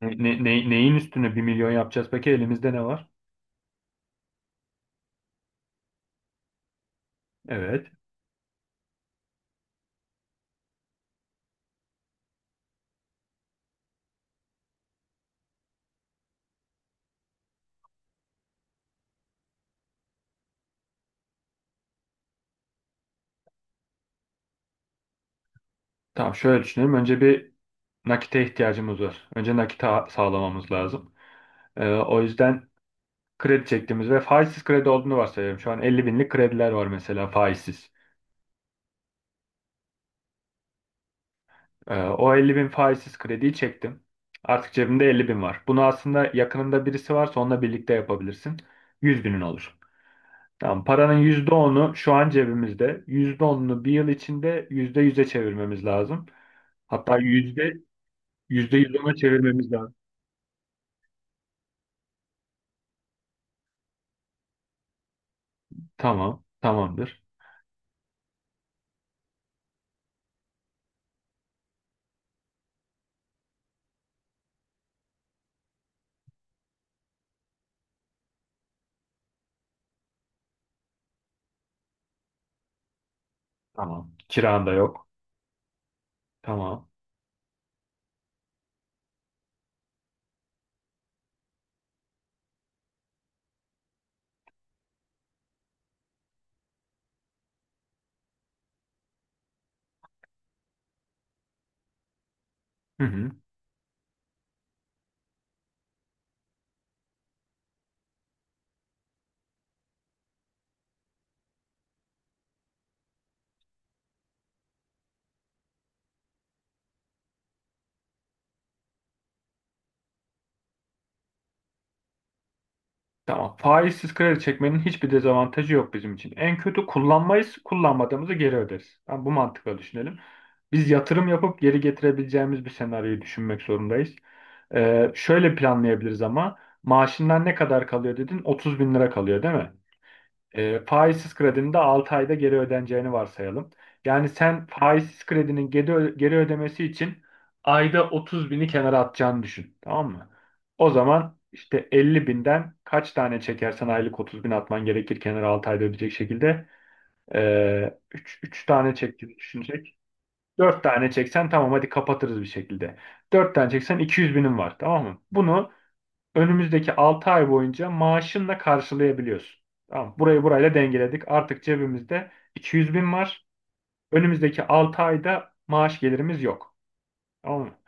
Ne, Neyin üstüne 1 milyon yapacağız? Peki elimizde ne var? Evet. Tamam, şöyle düşünelim. Önce bir nakite ihtiyacımız var. Önce nakite sağlamamız lazım. O yüzden kredi çektiğimiz ve faizsiz kredi olduğunu varsayıyorum. Şu an 50 binlik krediler var mesela, faizsiz. O 50 bin faizsiz krediyi çektim. Artık cebimde 50 bin var. Bunu aslında yakınında birisi varsa onunla birlikte yapabilirsin. 100 binin olur. Tamam, paranın %10 şu an cebimizde. %10'unu bir yıl içinde %100'e çevirmemiz lazım. Hatta %100 ona çevirmemiz lazım. Tamam. Tamamdır. Tamam. Kiran da yok. Tamam. Hı hı. Tamam. Faizsiz kredi çekmenin hiçbir dezavantajı yok bizim için. En kötü kullanmayız, kullanmadığımızı geri öderiz. Tamam, bu mantıkla düşünelim. Biz yatırım yapıp geri getirebileceğimiz bir senaryoyu düşünmek zorundayız. Şöyle planlayabiliriz ama maaşından ne kadar kalıyor dedin? 30 bin lira kalıyor, değil mi? Faizsiz kredinin de 6 ayda geri ödeneceğini varsayalım. Yani sen faizsiz kredinin geri ödemesi için ayda 30 bini kenara atacağını düşün. Tamam mı? O zaman işte 50 binden kaç tane çekersen aylık 30 bin atman gerekir kenara, 6 ayda ödeyecek şekilde. 3 tane çektiğini düşünecek. 4 tane çeksen tamam, hadi kapatırız bir şekilde. 4 tane çeksen 200 binin var, tamam mı? Bunu önümüzdeki 6 ay boyunca maaşınla karşılayabiliyorsun. Tamam, burayı burayla dengeledik. Artık cebimizde 200 bin var. Önümüzdeki 6 ayda maaş gelirimiz yok. Tamam mı?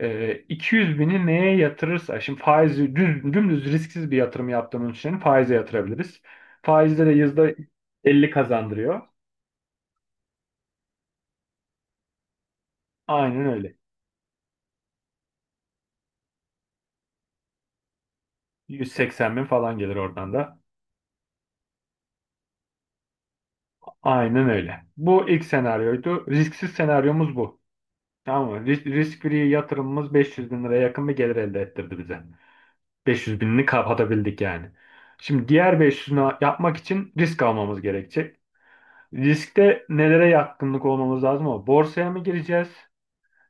200 bini neye yatırırsa, şimdi faizi düz, dümdüz risksiz bir yatırım yaptığımız için faize yatırabiliriz. Faizde de yüzde 50 kazandırıyor. Aynen öyle. 180 bin falan gelir oradan da. Aynen öyle. Bu ilk senaryoydu. Risksiz senaryomuz bu. Tamam mı? Risk, risk free yatırımımız 500 bin liraya yakın bir gelir elde ettirdi bize. 500 binini kapatabildik yani. Şimdi diğer 500'ünü yapmak için risk almamız gerekecek. Riskte nelere yatkınlık olmamız lazım, ama borsaya mı gireceğiz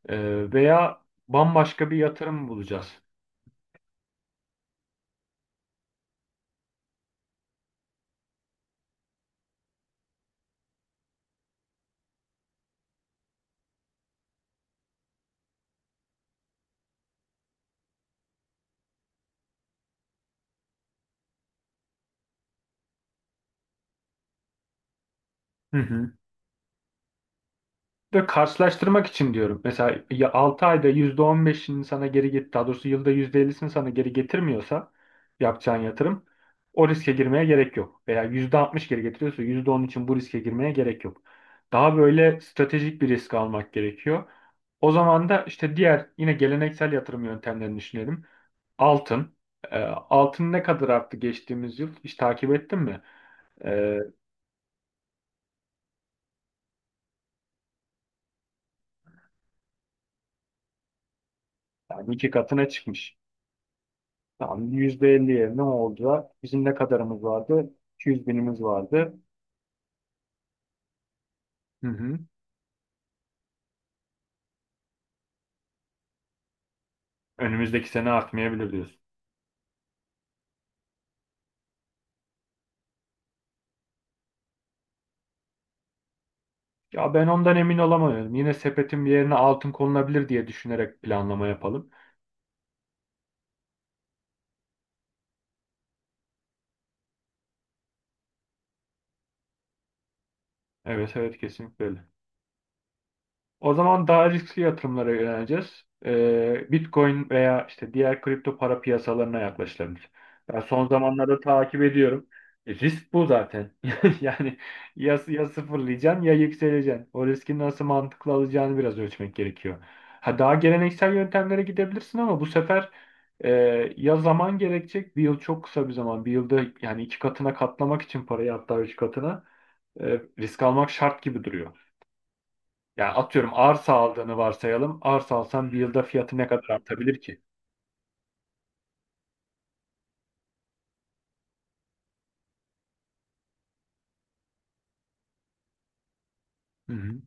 Veya bambaşka bir yatırım mı bulacağız? Hı hı. De karşılaştırmak için diyorum. Mesela ya 6 ayda %15'ini sana geri get, daha doğrusu yılda %50'sini sana geri getirmiyorsa yapacağın yatırım, o riske girmeye gerek yok. Veya %60 geri getiriyorsa %10 için bu riske girmeye gerek yok. Daha böyle stratejik bir risk almak gerekiyor. O zaman da işte diğer yine geleneksel yatırım yöntemlerini düşünelim. Altın. Altın ne kadar arttı geçtiğimiz yıl? Hiç takip ettin mi? Ee, Yani iki katına çıkmış. Tamam, %50'ye ne olacak? Bizim ne kadarımız vardı? 200 binimiz vardı. Hı hı. Önümüzdeki sene artmayabilir diyorsun. Ya ben ondan emin olamıyorum. Yine sepetin bir yerine altın konulabilir diye düşünerek planlama yapalım. Evet, evet, kesinlikle öyle. O zaman daha riskli yatırımlara yöneleceğiz. Bitcoin veya işte diğer kripto para piyasalarına yaklaşılabilir. Ben son zamanlarda takip ediyorum. Risk bu zaten. Yani ya, ya sıfırlayacaksın ya yükseleceksin. O riski nasıl mantıklı alacağını biraz ölçmek gerekiyor. Ha, daha geleneksel yöntemlere gidebilirsin ama bu sefer e, ya zaman gerekecek. Bir yıl çok kısa bir zaman. Bir yılda yani iki katına katlamak için parayı, hatta üç katına risk almak şart gibi duruyor. Yani atıyorum arsa aldığını varsayalım. Arsa alsan bir yılda fiyatı ne kadar artabilir ki? Hı hı.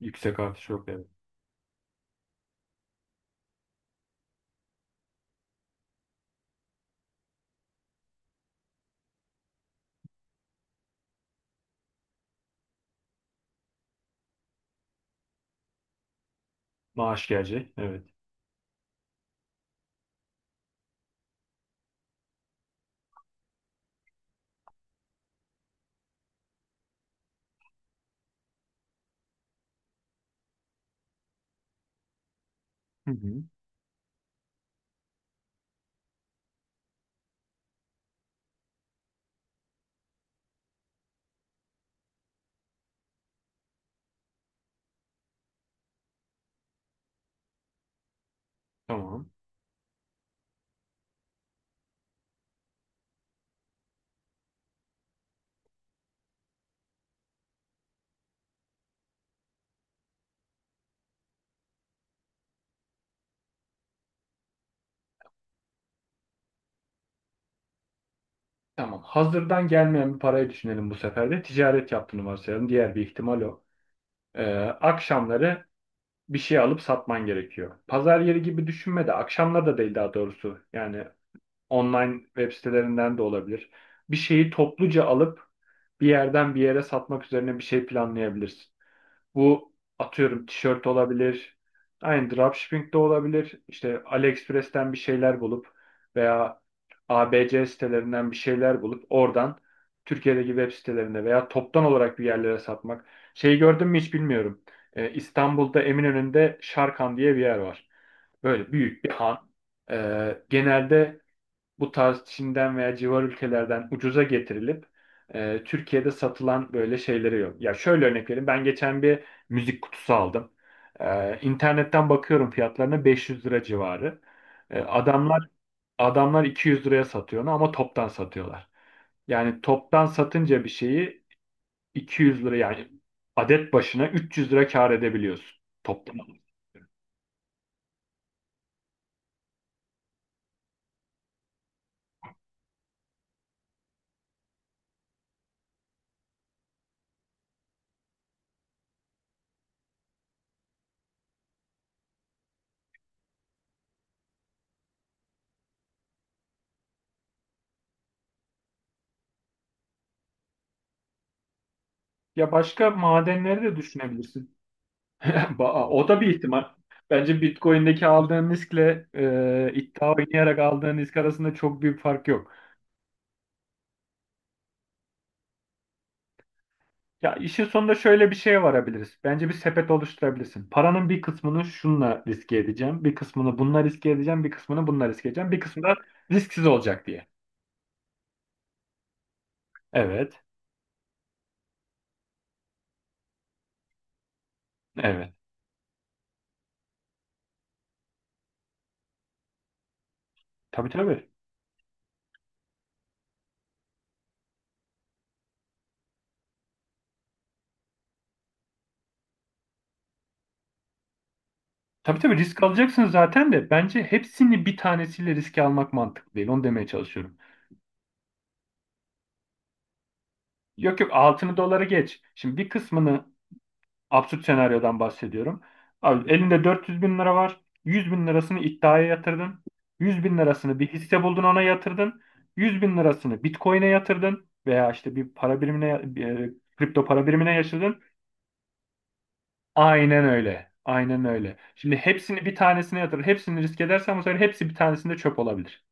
Yüksek artış yok, evet. Maaş gelecek, evet. Hı hı. Tamam. Tamam. Hazırdan gelmeyen bir parayı düşünelim bu sefer de. Ticaret yaptığını varsayalım. Diğer bir ihtimal o. Ee, Akşamları bir şey alıp satman gerekiyor. Pazar yeri gibi düşünme de, akşamları da değil daha doğrusu. Yani online web sitelerinden de olabilir. Bir şeyi topluca alıp bir yerden bir yere satmak üzerine bir şey planlayabilirsin. Bu, atıyorum, tişört olabilir. Aynı dropshipping de olabilir. İşte AliExpress'ten bir şeyler bulup veya ABC sitelerinden bir şeyler bulup oradan Türkiye'deki web sitelerinde veya toptan olarak bir yerlere satmak. Şeyi gördün mü hiç bilmiyorum. İstanbul'da Eminönü'nde Şarkan diye bir yer var. Böyle büyük bir han. Genelde bu tarz Çin'den veya civar ülkelerden ucuza getirilip Türkiye'de satılan böyle şeyleri yok. Ya şöyle örnek vereyim. Ben geçen bir müzik kutusu aldım. İnternetten bakıyorum fiyatlarına 500 lira civarı. E, adamlar adamlar 200 liraya satıyor onu, ama toptan satıyorlar. Yani toptan satınca bir şeyi 200 lira, yani adet başına 300 lira kâr edebiliyorsun toptan. Ya başka madenleri de düşünebilirsin. O da bir ihtimal. Bence Bitcoin'deki aldığın riskle iddia oynayarak aldığın risk arasında çok büyük fark yok. Ya, işin sonunda şöyle bir şeye varabiliriz. Bence bir sepet oluşturabilirsin. Paranın bir kısmını şunla riske edeceğim, bir kısmını bununla riske edeceğim, bir kısmını bununla riske edeceğim, bir kısmı da risksiz olacak diye. Evet, evet. Tabii, tabii. Tabii, tabii, risk alacaksın zaten de bence hepsini bir tanesiyle riske almak mantıklı değil. Onu demeye çalışıyorum. Yok, yok, altını dolara geç. Şimdi bir kısmını, absürt senaryodan bahsediyorum. Abi, elinde 400 bin lira var. 100 bin lirasını iddiaya yatırdın. 100 bin lirasını bir hisse buldun, ona yatırdın. 100 bin lirasını Bitcoin'e yatırdın. Veya işte bir para birimine, bir, kripto para birimine yatırdın. Aynen öyle. Aynen öyle. Şimdi hepsini bir tanesine yatır. Hepsini risk edersen bu sefer hepsi bir tanesinde çöp olabilir.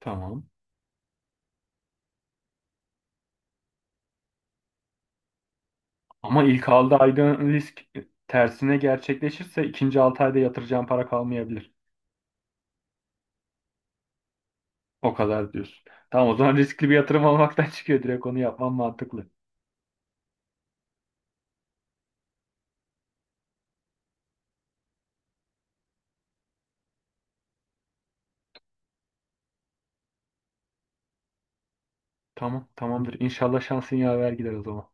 Tamam. Ama ilk aldığı ayda risk tersine gerçekleşirse ikinci 6 ayda yatıracağın para kalmayabilir. O kadar diyorsun. Tamam, o zaman riskli bir yatırım olmaktan çıkıyor. Direkt onu yapman mantıklı. Tamam, tamamdır. İnşallah şansın yaver gider o zaman.